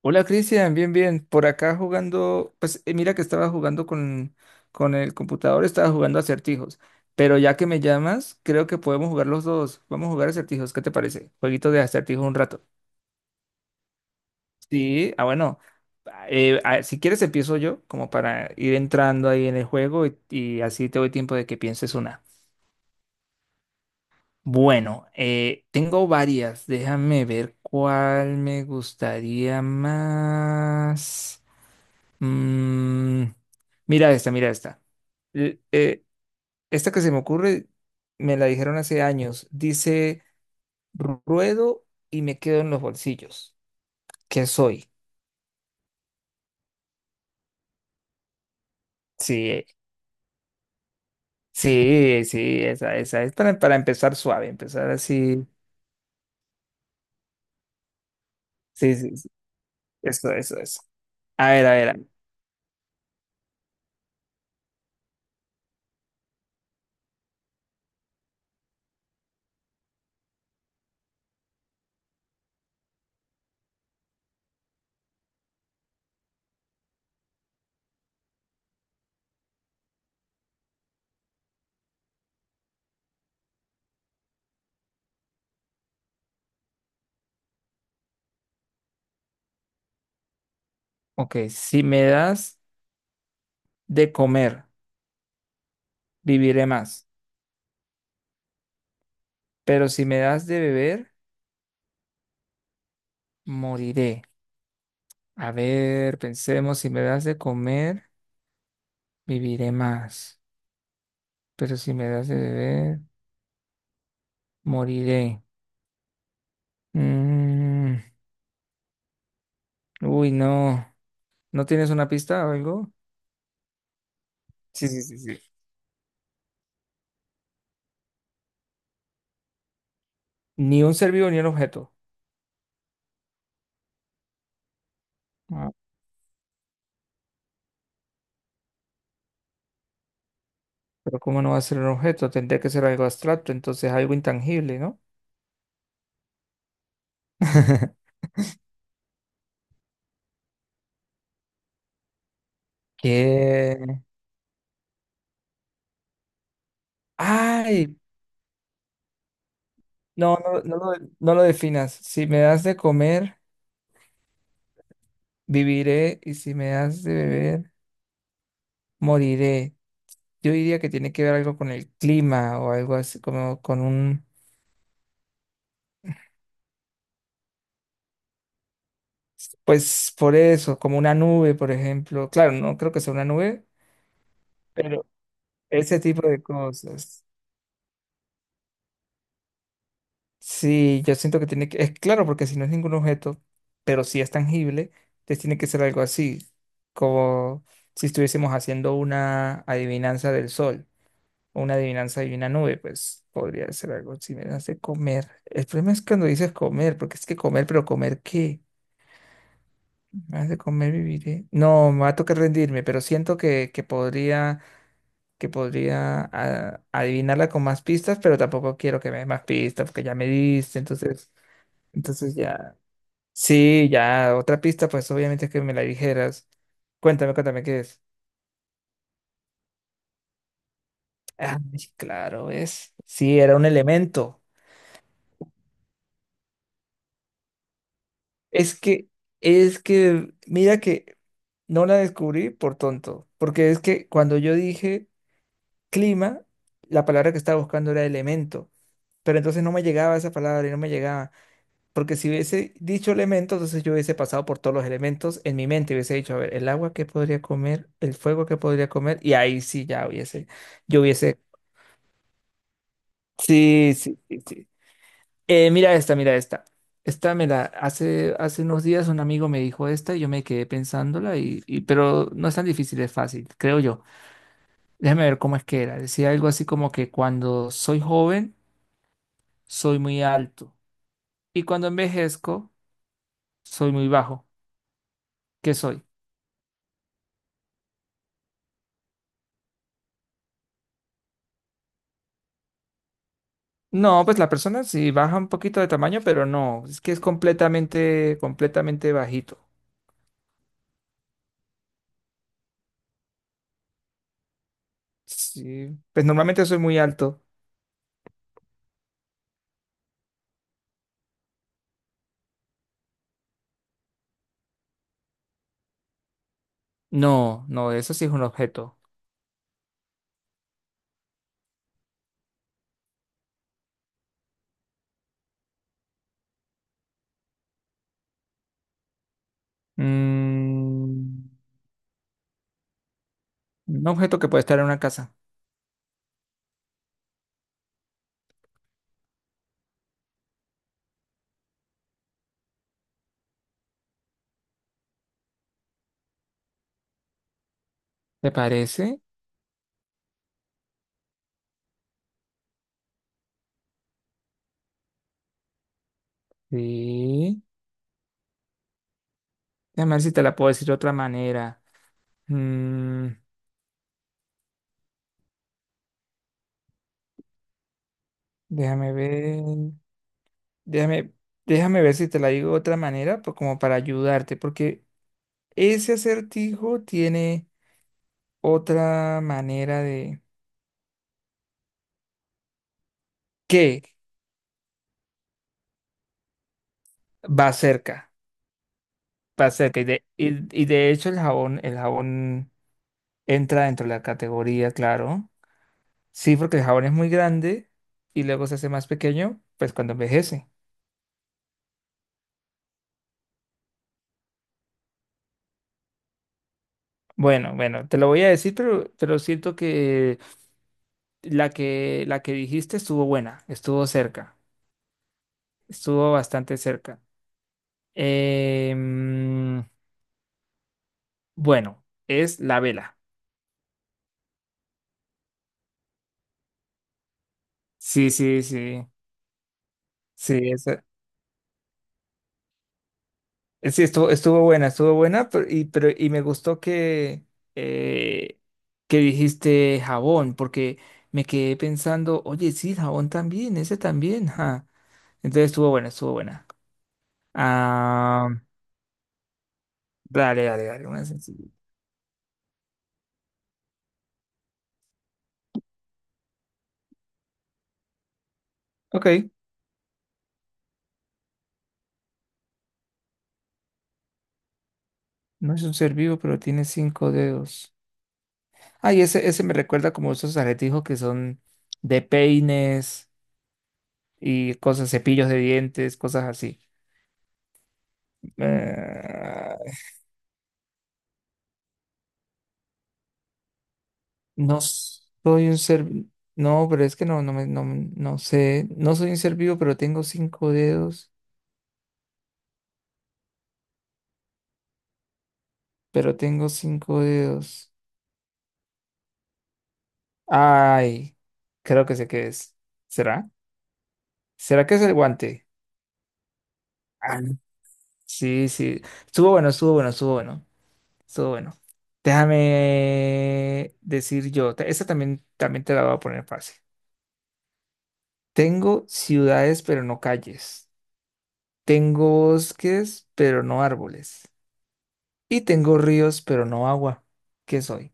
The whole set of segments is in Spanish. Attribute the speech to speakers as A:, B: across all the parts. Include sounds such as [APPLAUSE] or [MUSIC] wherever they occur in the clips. A: Hola Cristian, bien, bien. Por acá jugando, pues mira que estaba jugando con el computador, estaba jugando acertijos. Pero ya que me llamas, creo que podemos jugar los dos. Vamos a jugar acertijos, ¿qué te parece? Jueguito de acertijos un rato. Sí, ah, bueno. Si quieres empiezo yo, como para ir entrando ahí en el juego y así te doy tiempo de que pienses una. Bueno, tengo varias. Déjame ver cuál me gustaría más. Mm, mira esta, mira esta. L- eh, esta que se me ocurre, me la dijeron hace años. Dice, ruedo y me quedo en los bolsillos. ¿Qué soy? Sí, sí, sí, esa, esa. Es para empezar suave, empezar así. Sí, sí, sí. Eso, eso, eso. A ver, a ver, a ver. Ok, si me das de comer, viviré más. Pero si me das de beber, moriré. A ver, pensemos, si me das de comer, viviré más, pero si me das de beber, moriré. Mm, uy, no. ¿No tienes una pista o algo? Sí, sí, sí, sí. Ni un ser vivo ni un objeto. Ah, pero ¿cómo no va a ser un objeto? Tendría que ser algo abstracto, entonces algo intangible, ¿no? [LAUGHS] ¿Qué? Ay, no, no, no, lo no lo definas. Si me das de comer, viviré y si me das de beber, moriré. Yo diría que tiene que ver algo con el clima o algo así, como con un... Pues por eso, como una nube, por ejemplo. Claro, no creo que sea una nube, pero ese tipo de cosas. Sí, yo siento que tiene que, es claro, porque si no es ningún objeto, pero sí es tangible, entonces tiene que ser algo así, como si estuviésemos haciendo una adivinanza del sol, o una adivinanza de una nube, pues podría ser algo. Si me das de comer. El problema es cuando dices comer, porque es que comer, ¿pero comer qué? Me das de comer, viviré. No, me va a tocar rendirme, pero siento que podría ah, adivinarla con más pistas, pero tampoco quiero que me dé más pistas porque ya me diste, entonces, entonces ya. Sí, ya otra pista, pues obviamente que me la dijeras. Cuéntame, cuéntame qué es. Ah, claro, es. Sí, era un elemento. Es que, es que, mira que no la descubrí por tonto, porque es que cuando yo dije clima, la palabra que estaba buscando era elemento, pero entonces no me llegaba esa palabra y no me llegaba. Porque si hubiese dicho elementos, entonces yo hubiese pasado por todos los elementos en mi mente, hubiese dicho, a ver, el agua que podría comer, el fuego que podría comer, y ahí sí ya hubiese, yo hubiese, sí, sí, sí, sí. Mira esta, mira esta. Esta me la, hace, hace unos días un amigo me dijo esta y yo me quedé pensándola, pero no es tan difícil, es fácil, creo yo. Déjame ver cómo es que era. Decía algo así como que cuando soy joven, soy muy alto, y cuando envejezco, soy muy bajo. ¿Qué soy? No, pues la persona sí baja un poquito de tamaño, pero no, es que es completamente, completamente bajito. Sí, pues normalmente soy muy alto. No, no, eso sí es un objeto. Mm, un objeto que puede estar en una casa. ¿Te parece? Sí. Déjame ver si te la puedo decir de otra manera. Mm, déjame ver, déjame, déjame ver si te la digo de otra manera, pues como para ayudarte, porque ese acertijo tiene otra manera, que va cerca, va cerca. Y de hecho el jabón entra dentro de la categoría, claro. Sí, porque el jabón es muy grande y luego se hace más pequeño, pues cuando envejece. Bueno, bueno, te lo voy a decir, pero siento que la que dijiste estuvo buena, estuvo cerca, estuvo bastante cerca. Em, bueno, es la vela. Sí, sí, sí. Sí, es, sí, estuvo, estuvo buena, pero, y me gustó eh, que dijiste jabón, porque me quedé pensando, oye, sí, jabón también, ese también, ja. Entonces estuvo buena, estuvo buena. Ah, dale, dale, dale, una sencilla. Ok, no es un ser vivo, pero tiene cinco dedos. Ay, ese me recuerda como esos aletijos que son de peines y cosas, cepillos de dientes, cosas así. Eh, No soy un ser, no, pero es que no, no me, no, no sé, no soy un ser vivo, pero tengo cinco dedos, pero tengo cinco dedos. Ay, creo que sé qué es. ¿Será? ¿Será que es el guante? Ah, sí, sí. Estuvo bueno, estuvo bueno, estuvo bueno, estuvo bueno. Déjame decir yo, esta también, también te la voy a poner fácil. Tengo ciudades, pero no calles. Tengo bosques, pero no árboles. Y tengo ríos, pero no agua. ¿Qué soy?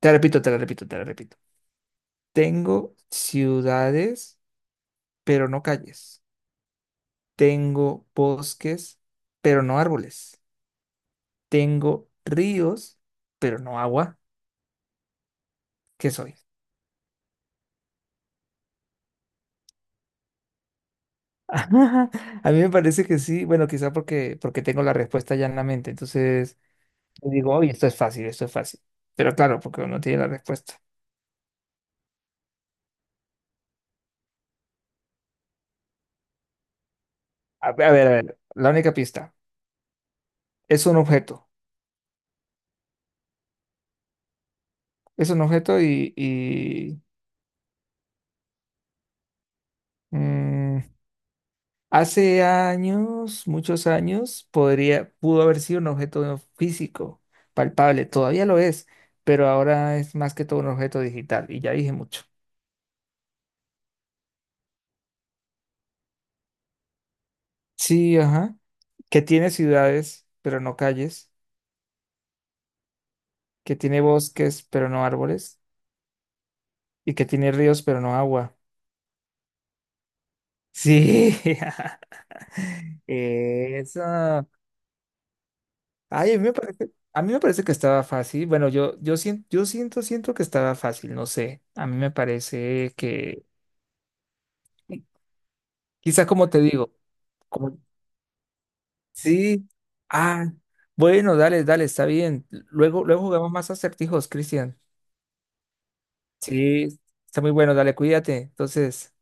A: Te la repito, te la repito, te la repito. Tengo ciudades, pero no calles. Tengo bosques, pero no árboles. Tengo ríos, pero no agua. ¿Qué soy? [LAUGHS] A mí me parece que sí. Bueno, quizá porque, porque tengo la respuesta ya en la mente. Entonces, yo digo, oye, esto es fácil, esto es fácil. Pero claro, porque uno tiene la respuesta. A ver, a ver, a ver. La única pista. Es un objeto. Es un objeto y Mm, hace años, muchos años, podría, pudo haber sido un objeto físico, palpable, todavía lo es, pero ahora es más que todo un objeto digital, y ya dije mucho. Sí, ajá, que tiene ciudades, pero no calles, que tiene bosques, pero no árboles, y que tiene ríos, pero no agua. Sí, [LAUGHS] eso. Ay, a mí me parece, a mí me parece que estaba fácil. Bueno, yo, yo siento, siento que estaba fácil, no sé. A mí me parece que, quizás como te digo, como, sí, ah, bueno, dale, dale, está bien. Luego, luego jugamos más acertijos, Cristian. Sí, está muy bueno, dale, cuídate. Entonces.